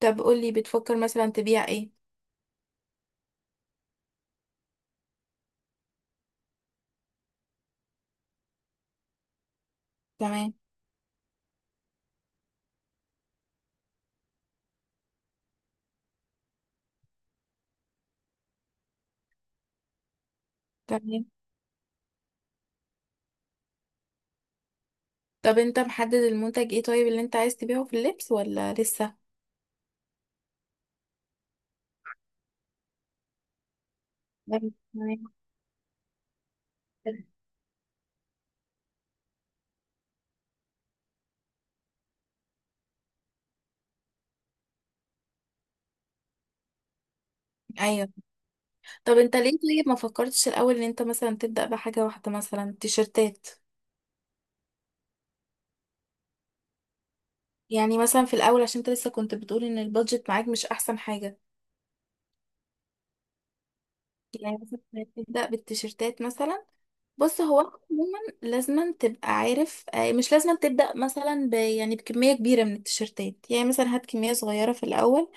طب قولي بتفكر مثلا تبيع ايه؟ تمام، تمام. طب انت محدد المنتج ايه؟ طيب اللي انت عايز تبيعه في اللبس ولا لسه؟ تمام. تمام. ايوه. طب انت ليه؟ طيب ما فكرتش الاول ان انت مثلا تبدأ بحاجة واحدة مثلا تيشرتات؟ يعني مثلا في الاول، عشان انت لسه كنت بتقول ان البادجت معاك مش احسن حاجة. يعني مثلا تبدأ بالتيشرتات مثلا. بص، هو أنت عموما لازما تبقى عارف، مش لازما تبدأ مثلا يعني بكمية كبيرة من التيشيرتات. يعني مثلا هات كمية صغيرة في الأول.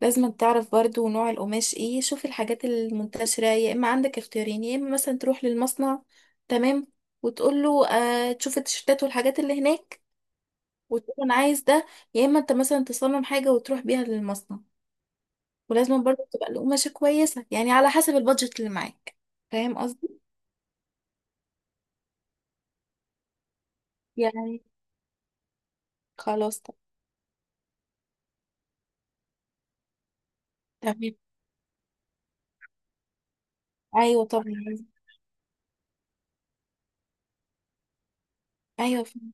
لازما تعرف برضو نوع القماش ايه. شوف الحاجات المنتشرة. يا إما عندك اختيارين: يا إما مثلا تروح للمصنع، تمام، وتقول له، تشوف التيشيرتات والحاجات اللي هناك، وتقول له أنا عايز ده. يا إما أنت مثلا تصمم حاجة وتروح بيها للمصنع. ولازما برضو تبقى القماشة كويسة، يعني على حسب البادجت اللي معاك. فاهم قصدي؟ يعني خلاص. تمام. ايوه طبعا. ايوه فعلا.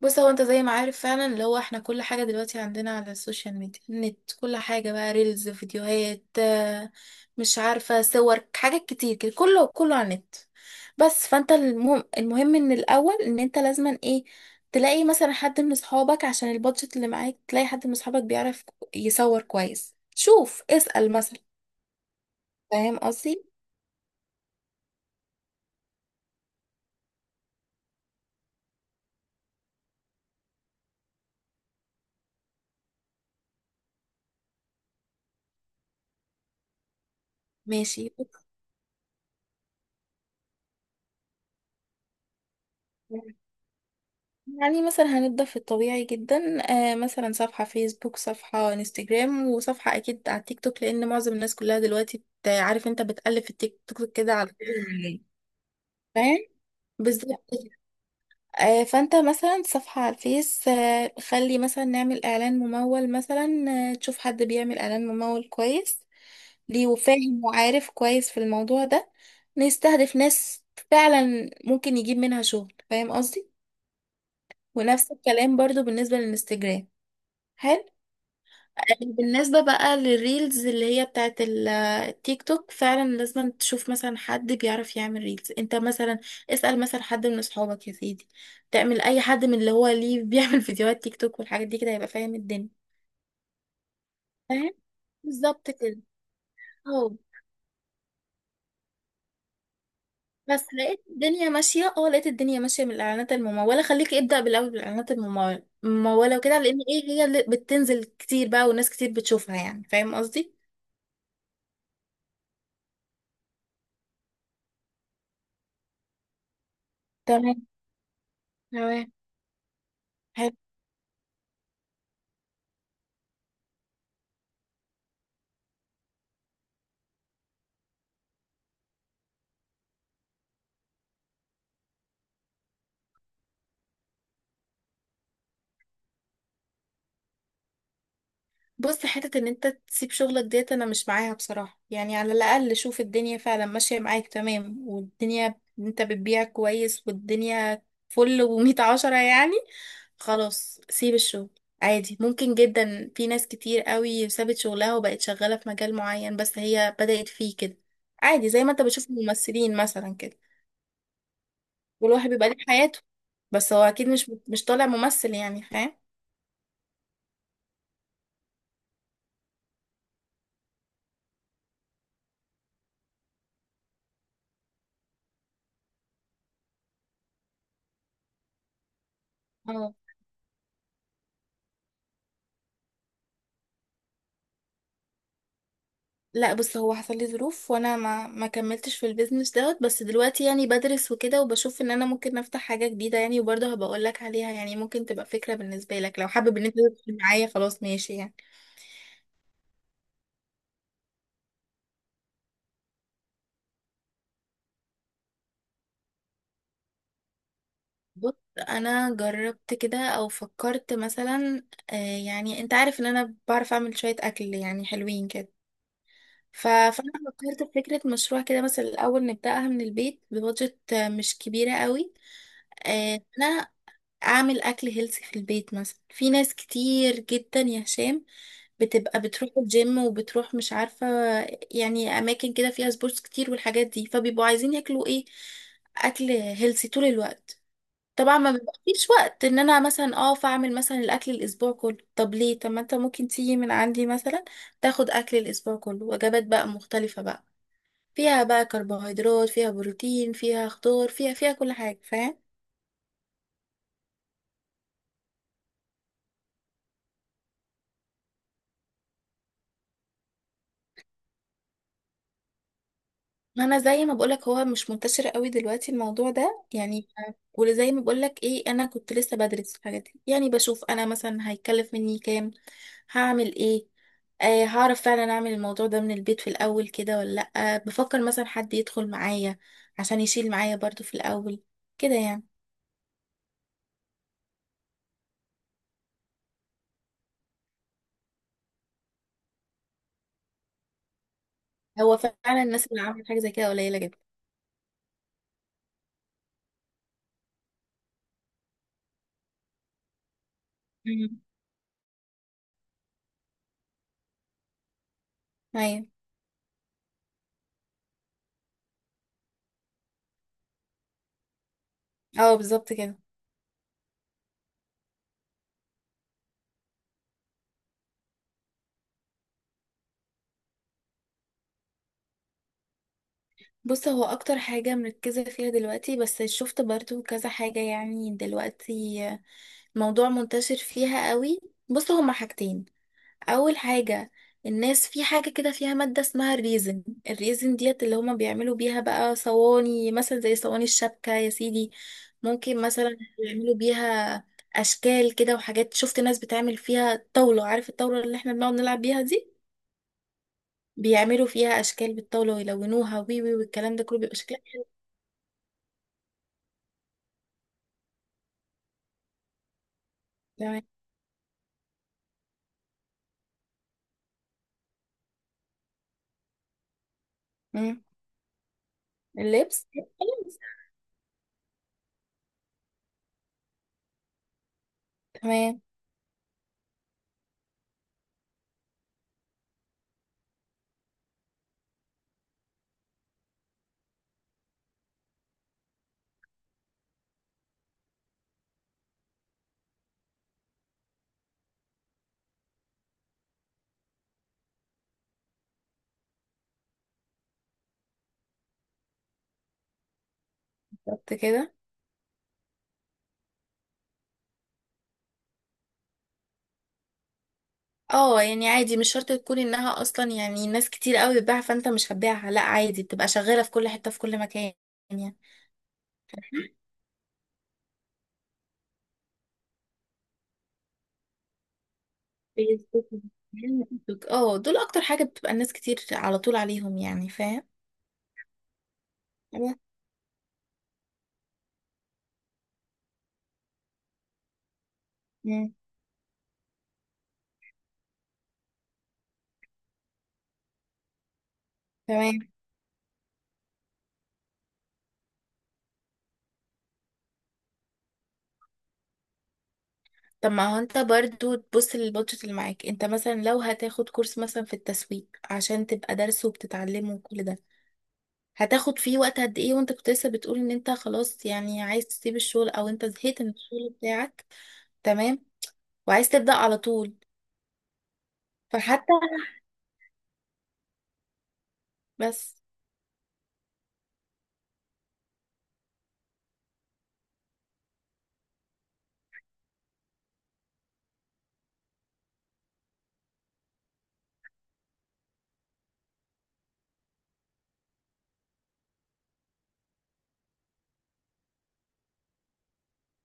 بص، هو انت زي ما عارف فعلا اللي هو احنا كل حاجة دلوقتي عندنا على السوشيال ميديا، النت، كل حاجة بقى ريلز، فيديوهات مش عارفة، صور، حاجات كتير كده، كله كله على النت. بس فانت المهم ان الاول ان انت لازما ايه: تلاقي مثلا حد من اصحابك، عشان البادجت اللي معاك، تلاقي حد من اصحابك بيعرف يصور كويس. شوف، اسأل مثلا. فاهم قصدي؟ ماشي. يعني مثلا هنبدأ في الطبيعي جدا. مثلا صفحة فيسبوك، صفحة انستجرام، وصفحة أكيد على التيك توك، لأن معظم الناس كلها دلوقتي عارف أنت بتقلب في التيك توك كده على. فاهم؟ بالظبط كده. فأنت مثلا صفحة على الفيس، خلي مثلا نعمل إعلان ممول مثلا. تشوف حد بيعمل إعلان ممول كويس، ليه، وفاهم وعارف كويس في الموضوع ده. نستهدف ناس فعلا ممكن يجيب منها شغل. فاهم قصدي؟ ونفس الكلام برضو بالنسبة للانستجرام. حلو. يعني بالنسبة بقى للريلز اللي هي بتاعت التيك توك، فعلا لازم تشوف مثلا حد بيعرف يعمل ريلز. انت مثلا اسأل مثلا حد من اصحابك يا سيدي. تعمل اي حد من اللي هو ليه بيعمل فيديوهات تيك توك والحاجات دي كده، هيبقى فاهم الدنيا. فاهم؟ بالظبط كده. اه. بس لقيت الدنيا ماشية، لقيت الدنيا ماشية من الإعلانات الممولة. خليك ابدأ بالأول بالإعلانات الممولة وكده، لأن ايه هي اللي بتنزل كتير بقى والناس كتير بتشوفها يعني. فاهم قصدي؟ تمام، تمام. حلو. بص، حتة ان انت تسيب شغلك ديت انا مش معاها بصراحة. يعني على الاقل شوف الدنيا فعلا ماشية معاك تمام، والدنيا انت بتبيع كويس، والدنيا فل ومية عشرة يعني، خلاص سيب الشغل عادي. ممكن جدا، في ناس كتير قوي سابت شغلها وبقت شغالة في مجال معين بس هي بدأت فيه كده عادي. زي ما انت بتشوف الممثلين مثلا كده والواحد بيبقى ليه حياته، بس هو اكيد مش طالع ممثل. يعني فاهم؟ لا بص، هو حصل لي ظروف وانا ما كملتش في البيزنس دوت. بس دلوقتي يعني بدرس وكده، وبشوف ان انا ممكن افتح حاجة جديدة يعني، وبرضه هبقول لك عليها يعني، ممكن تبقى فكرة بالنسبة لك لو حابب ان انت تدخل معايا، خلاص ماشي يعني. بص، انا جربت كده او فكرت مثلا. آه يعني انت عارف ان انا بعرف اعمل شوية اكل يعني حلوين كده. فانا فكرت في فكرة مشروع كده، مثلا الاول نبدأها من البيت ببادجت مش كبيرة قوي. انا اعمل اكل هيلثي في البيت. مثلا في ناس كتير جدا يا هشام بتبقى بتروح الجيم، وبتروح مش عارفة يعني اماكن كده فيها سبورتس كتير والحاجات دي، فبيبقوا عايزين ياكلوا ايه؟ اكل هيلثي طول الوقت. طبعا ما بيبقاش وقت ان انا مثلا اقف اعمل مثلا الاكل الاسبوع كله. طب ليه؟ طب ما انت ممكن تيجي من عندي مثلا تاخد اكل الاسبوع كله. وجبات بقى مختلفة بقى فيها بقى كربوهيدرات، فيها بروتين، فيها خضار، فيها كل حاجة. فاهم؟ ما انا زي ما بقولك، هو مش منتشر قوي دلوقتي الموضوع ده يعني. وزي ما بقولك ايه، انا كنت لسه بدرس الحاجات دي، يعني بشوف انا مثلا هيكلف مني كام، هعمل ايه، هعرف فعلا اعمل الموضوع ده من البيت في الاول كده ولا لا. بفكر مثلا حد يدخل معايا عشان يشيل معايا برضو في الاول كده يعني. هو فعلا الناس اللي عملت حاجه زي كده قليله جدا. مم. ايوه. اه بالظبط كده. بص، هو اكتر حاجه مركزه فيها دلوقتي، بس شفت برضو كذا حاجه يعني دلوقتي موضوع منتشر فيها قوي. بص هما حاجتين. اول حاجة: الناس في حاجة كده فيها مادة اسمها الريزن. الريزن ديت اللي هما بيعملوا بيها بقى صواني، مثلا زي صواني الشبكة يا سيدي، ممكن مثلا يعملوا بيها اشكال كده وحاجات. شفت ناس بتعمل فيها طاولة. عارف الطاولة اللي احنا بنقعد نلعب بيها دي؟ بيعملوا فيها اشكال بالطاولة ويلونوها وي وي والكلام ده كله بيبقى شكلها. تمام. مم. اللبس خلاص. تمام. بالظبط كده. اه يعني عادي، مش شرط تكون انها اصلا يعني ناس كتير قوي بتبيعها فانت مش هتبيعها، لا عادي بتبقى شغالة في كل حتة في كل مكان يعني. بالظبط. اه، دول اكتر حاجة بتبقى الناس كتير على طول عليهم يعني. فاهم؟ أيوة. مم. تمام. طب ما هو انت برضو تبص للبادجت اللي معاك. انت مثلا لو هتاخد كورس مثلا في التسويق عشان تبقى دارسه وبتتعلمه وكل ده، هتاخد فيه وقت قد ايه؟ وانت كنت لسه بتقول ان انت خلاص يعني عايز تسيب الشغل، او انت زهقت من الشغل بتاعك. تمام. وعايز تبدأ على طول. فحتى بس.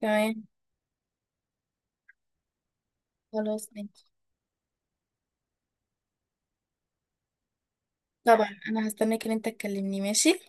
تمام. خلاص ماشي. طبعا انا هستناك ان انت تكلمني. ماشي.